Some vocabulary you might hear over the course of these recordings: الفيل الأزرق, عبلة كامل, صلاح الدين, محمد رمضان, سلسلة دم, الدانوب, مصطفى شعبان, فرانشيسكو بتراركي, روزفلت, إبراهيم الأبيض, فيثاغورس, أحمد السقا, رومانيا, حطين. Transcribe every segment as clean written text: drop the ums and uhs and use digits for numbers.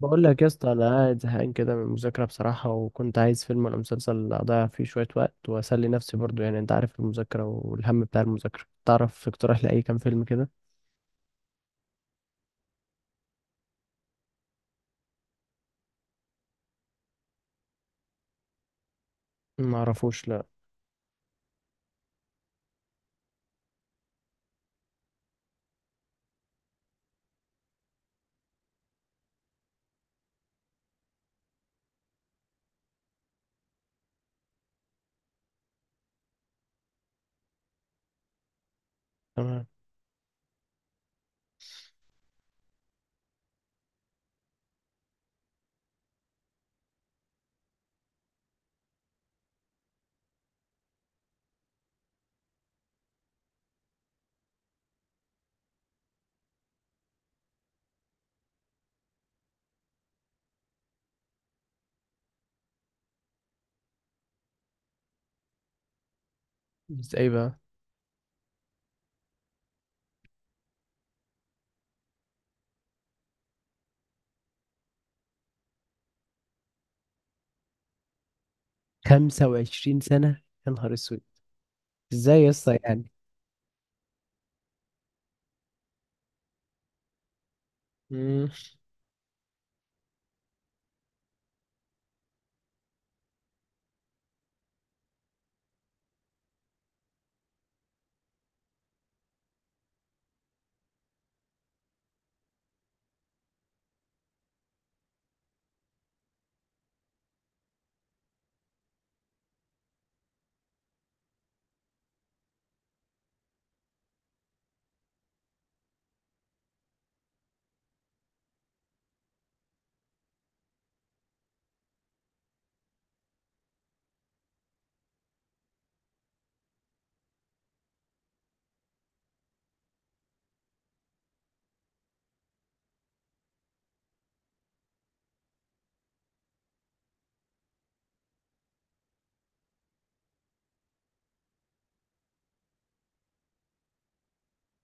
بقول لك يا اسطى، انا قاعد زهقان كده من المذاكره بصراحه، وكنت عايز فيلم ولا مسلسل اضيع فيه شويه وقت واسلي نفسي برضو. يعني انت عارف المذاكره والهم بتاع المذاكره. تعرف اقتراح لاي كام فيلم كده؟ ما اعرفوش، لا. تمام. بس ايه بقى؟ 25 سنه؟ يا نهار اسود! ازاي يا اسطى؟ يعني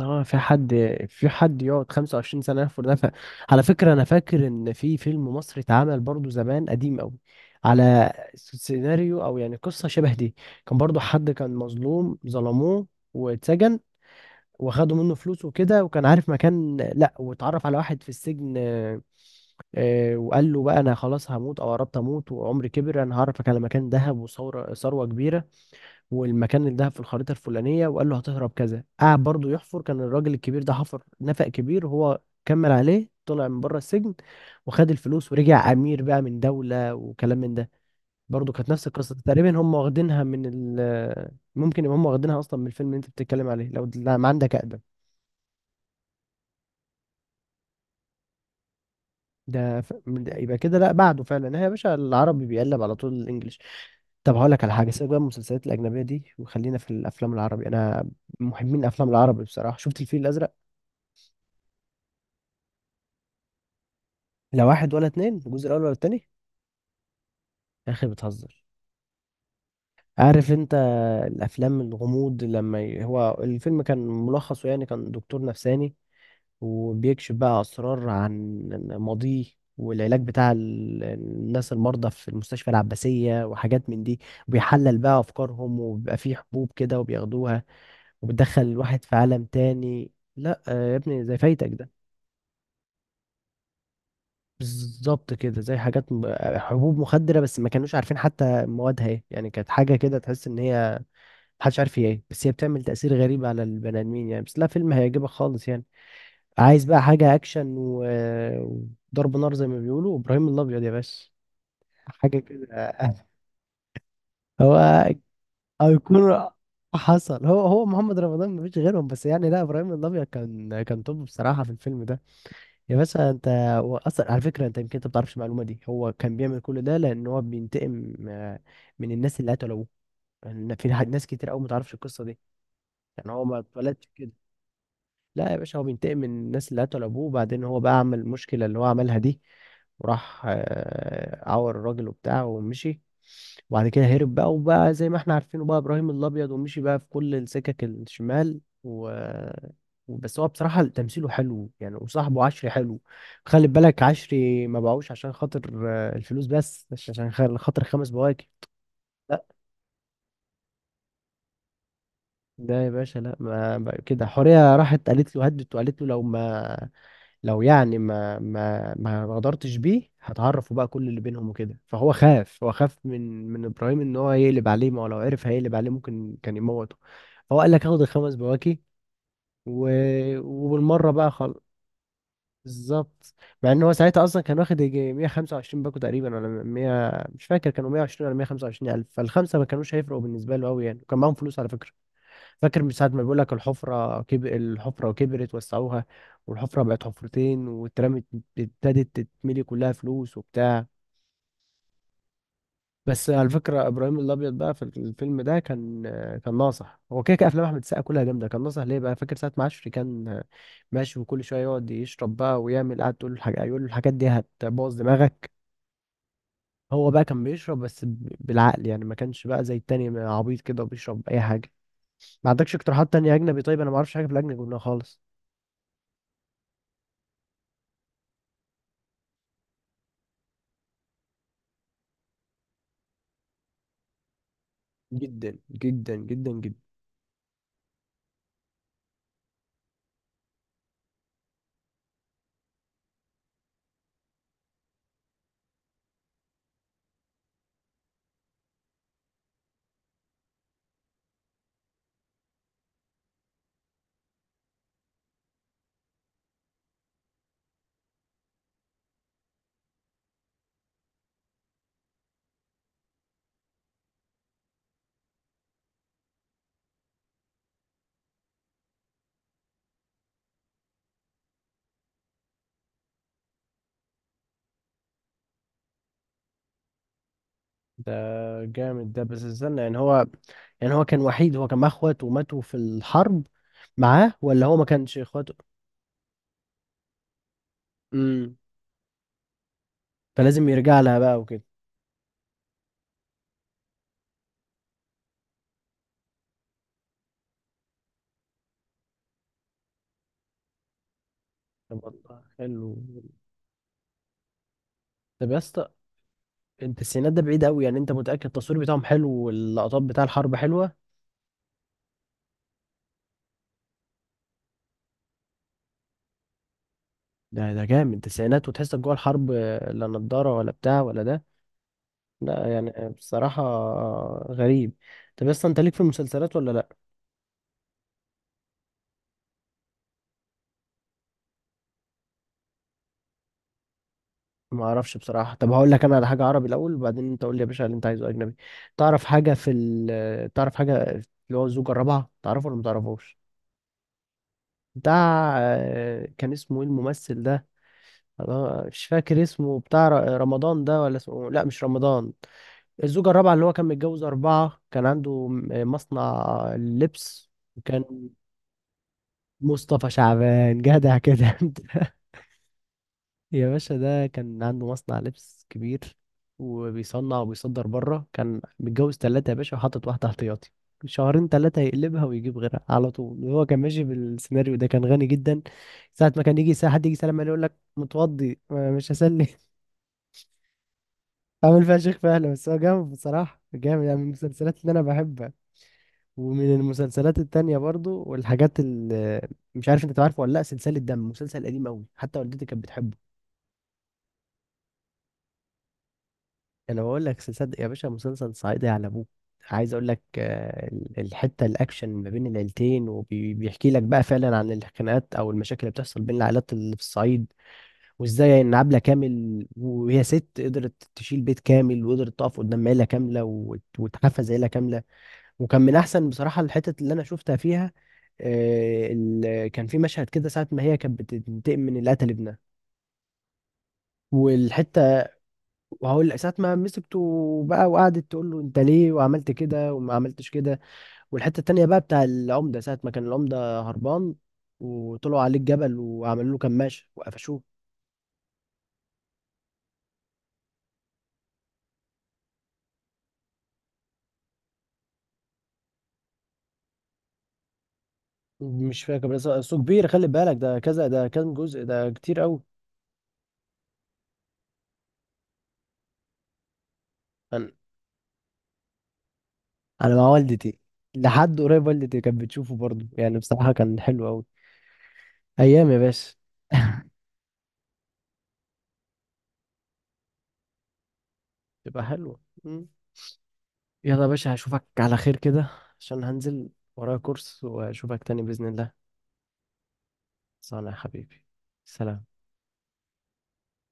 اه، في حد يقعد 25 سنة يحفر نفق؟ على فكرة أنا فاكر إن في فيلم مصري اتعمل برضو زمان قديم أوي، على سيناريو أو يعني قصة شبه دي. كان برضو حد كان مظلوم ظلموه واتسجن، وخدوا منه فلوس وكده، وكان عارف مكان، لا واتعرف على واحد في السجن وقال له بقى: أنا خلاص هموت أو قربت أموت وعمري كبر، أنا هعرفك على مكان دهب وثورة ثروة كبيرة، والمكان اللي ده في الخريطة الفلانية، وقال له هتهرب كذا. قعد برضه يحفر، كان الراجل الكبير ده حفر نفق كبير، هو كمل عليه طلع من بره السجن وخد الفلوس ورجع أمير بقى من دولة وكلام من ده. برضه كانت نفس القصة تقريبا. هم واخدينها من ممكن يبقى هم واخدينها أصلا من الفيلم اللي أنت بتتكلم عليه، لو لا ما عندك أقدم. ده يبقى كده لا بعده فعلا. هي يا باشا العربي بيقلب على طول الإنجليش. طب هقول لك على حاجة، سيبك بقى من المسلسلات الأجنبية دي وخلينا في الأفلام العربي. أنا محبين الأفلام العربي بصراحة. شفت الفيل الأزرق؟ لا واحد ولا اتنين، الجزء الاول ولا التاني؟ يا اخي بتهزر! عارف انت الافلام الغموض لما هو الفيلم كان ملخصه يعني كان دكتور نفساني، وبيكشف بقى اسرار عن ماضيه، والعلاج بتاع الناس المرضى في المستشفى العباسية وحاجات من دي. وبيحلل بقى افكارهم وبيبقى فيه حبوب كده وبياخدوها، وبتدخل الواحد في عالم تاني. لا يا ابني زي فايتك ده. بالظبط كده، زي حاجات حبوب مخدرة، بس ما كانوش عارفين حتى موادها ايه. يعني كانت حاجة كده تحس ان هي محدش عارف هي ايه، بس هي بتعمل تأثير غريب على البني آدمين يعني. بس لا، فيلم هيعجبك خالص يعني. عايز بقى حاجة أكشن و... وضرب نار، زي ما بيقولوا إبراهيم الأبيض يا باشا، حاجة كده. هو أيقونة. حصل، هو هو محمد رمضان مفيش غيرهم، بس يعني لا إبراهيم الأبيض كان توب بصراحة في الفيلم ده. يا باشا انت، هو اصلا على فكره انت يمكن انت ما بتعرفش المعلومه دي، هو كان بيعمل كل ده لان هو بينتقم من الناس اللي قتلوه. لان في ناس كتير قوي ما تعرفش القصه دي. يعني هو ما اتولدش؟ لا يا باشا، هو بينتقم من الناس اللي قتلوا ابوه، وبعدين هو بقى عمل المشكله اللي هو عملها دي، وراح عور الراجل وبتاع ومشي. وبعد كده هرب بقى وبقى زي ما احنا عارفينه بقى، ابراهيم الابيض، ومشي بقى في كل السكك الشمال. و بس هو بصراحة تمثيله حلو يعني، وصاحبه عشري حلو. خلي بالك، عشري ما باعوش عشان خاطر الفلوس، بس مش عشان خاطر خمس بواكب. لا ده يا باشا، لا ما بقى كده. حورية راحت قالت له، هدت وقالت له لو ما، لو يعني ما غدرتش بيه هتعرفوا بقى كل اللي بينهم وكده، فهو خاف، هو خاف من ابراهيم ان هو يقلب عليه. ما هو لو عرف هيقلب عليه ممكن كان يموته. فهو قال لك هاخد الخمس بواكي و... وبالمره بقى خلاص. بالظبط. مع ان هو ساعتها اصلا كان واخد يجي 125 باكو تقريبا، ولا 100 مش فاكر، كانوا 120 ولا 125 الف. فالخمسه ما كانوش هيفرقوا بالنسبه له قوي يعني، وكان معاهم فلوس على فكره. فاكر من ساعة ما بيقول لك الحفرة الحفرة كبرت وسعوها، والحفرة بقت حفرتين واترمت، ابتدت تتملي كلها فلوس وبتاع. بس على فكرة إبراهيم الأبيض بقى في الفيلم ده كان كان ناصح. هو كده كده أفلام أحمد السقا كلها جامدة. كان ناصح ليه بقى، فاكر ساعة ما عشري كان ماشي وكل شوية يقعد يشرب بقى ويعمل قعد، تقول له الحاجة يقول له الحاجات دي هتبوظ دماغك. هو بقى كان بيشرب بس بالعقل يعني، ما كانش بقى زي التاني عبيط كده وبيشرب أي حاجة. ما عندكش اقتراحات تانية أجنبي؟ طيب أنا ما أعرفش حاجة في الأجنبي خالص. جدا جدا جدا جدا. ده جامد ده، بس استنى يعني هو، يعني هو كان وحيد، هو كان معاه اخواته وماتوا في الحرب؟ معاه ولا هو ما كانش اخواته؟ امم. فلازم يرجع لها بقى وكده. طب والله حلو. طب يا اسطى انت، السينات ده بعيد قوي يعني، انت متأكد التصوير بتاعهم حلو واللقطات بتاع الحرب حلوة؟ ده جامد تسعينات وتحسك جوه الحرب؟ لا نضارة ولا بتاع ولا ده. لا يعني بصراحة غريب. طب يا اسطى انت ليك في المسلسلات ولا لا؟ ما اعرفش بصراحه. طب هقول لك انا على حاجه عربي الاول، وبعدين انت قول لي يا باشا اللي انت عايزه اجنبي. تعرف حاجه في تعرف حاجه اللي هو الزوجه الرابعه، تعرفه ولا ما تعرفوش؟ بتاع كان اسمه ايه الممثل ده؟ أنا مش فاكر اسمه، بتاع رمضان ده، ولا اسمه لا مش رمضان. الزوجه الرابعه، اللي هو كان متجوز اربعه، كان عنده مصنع لبس، وكان. مصطفى شعبان، جدع كده! انت يا باشا ده كان عنده مصنع لبس كبير وبيصنع وبيصدر بره. كان متجوز تلاتة يا باشا وحاطط واحدة احتياطي، شهرين تلاتة يقلبها ويجيب غيرها على طول، وهو كان ماشي بالسيناريو ده، كان غني جدا. ساعة ما كان يجي ساعة حد يجي يسلم عليه يقول لك متوضي مش هسلم. عامل فيها شيخ فعلا. بس هو جامد بصراحة، جامد يعني، من المسلسلات اللي أنا بحبها. ومن المسلسلات التانية برضو، والحاجات اللي مش عارف أنت تعرفه ولا لأ، سلسلة دم، مسلسل قديم أوي حتى والدتي كانت بتحبه. انا بقول لك صدق يا باشا، مسلسل صعيدي على ابوه. عايز اقول لك الحته الاكشن ما بين العيلتين، وبيحكي لك بقى فعلا عن الخناقات او المشاكل اللي بتحصل بين العائلات اللي في الصعيد، وازاي ان عبله كامل وهي ست قدرت تشيل بيت كامل، وقدرت تقف قدام عيله كامله وتحفز عيله كامله. وكان من احسن بصراحه الحتت اللي انا شفتها فيها، كان في مشهد كده ساعه ما هي كانت بتنتقم من اللي قتل ابنها. والحته، وهقول ساعة ما مسكته بقى وقعدت تقول له انت ليه وعملت كده وما عملتش كده. والحتة التانية بقى بتاع العمدة، ساعة ما كان العمدة هربان وطلعوا عليه الجبل وعملوا له كماشة وقفشوه. مش فاكر بس اصله كبير، خلي بالك ده كذا، ده كام جزء، ده كتير قوي. انا انا مع والدتي لحد قريب، والدتي كانت بتشوفه برضه يعني، بصراحة كان حلو قوي. ايام يا باشا. تبقى حلوة. يلا يا باشا هشوفك على خير كده، عشان هنزل، ورايا كورس، واشوفك تاني بإذن الله. صانع حبيبي، سلام.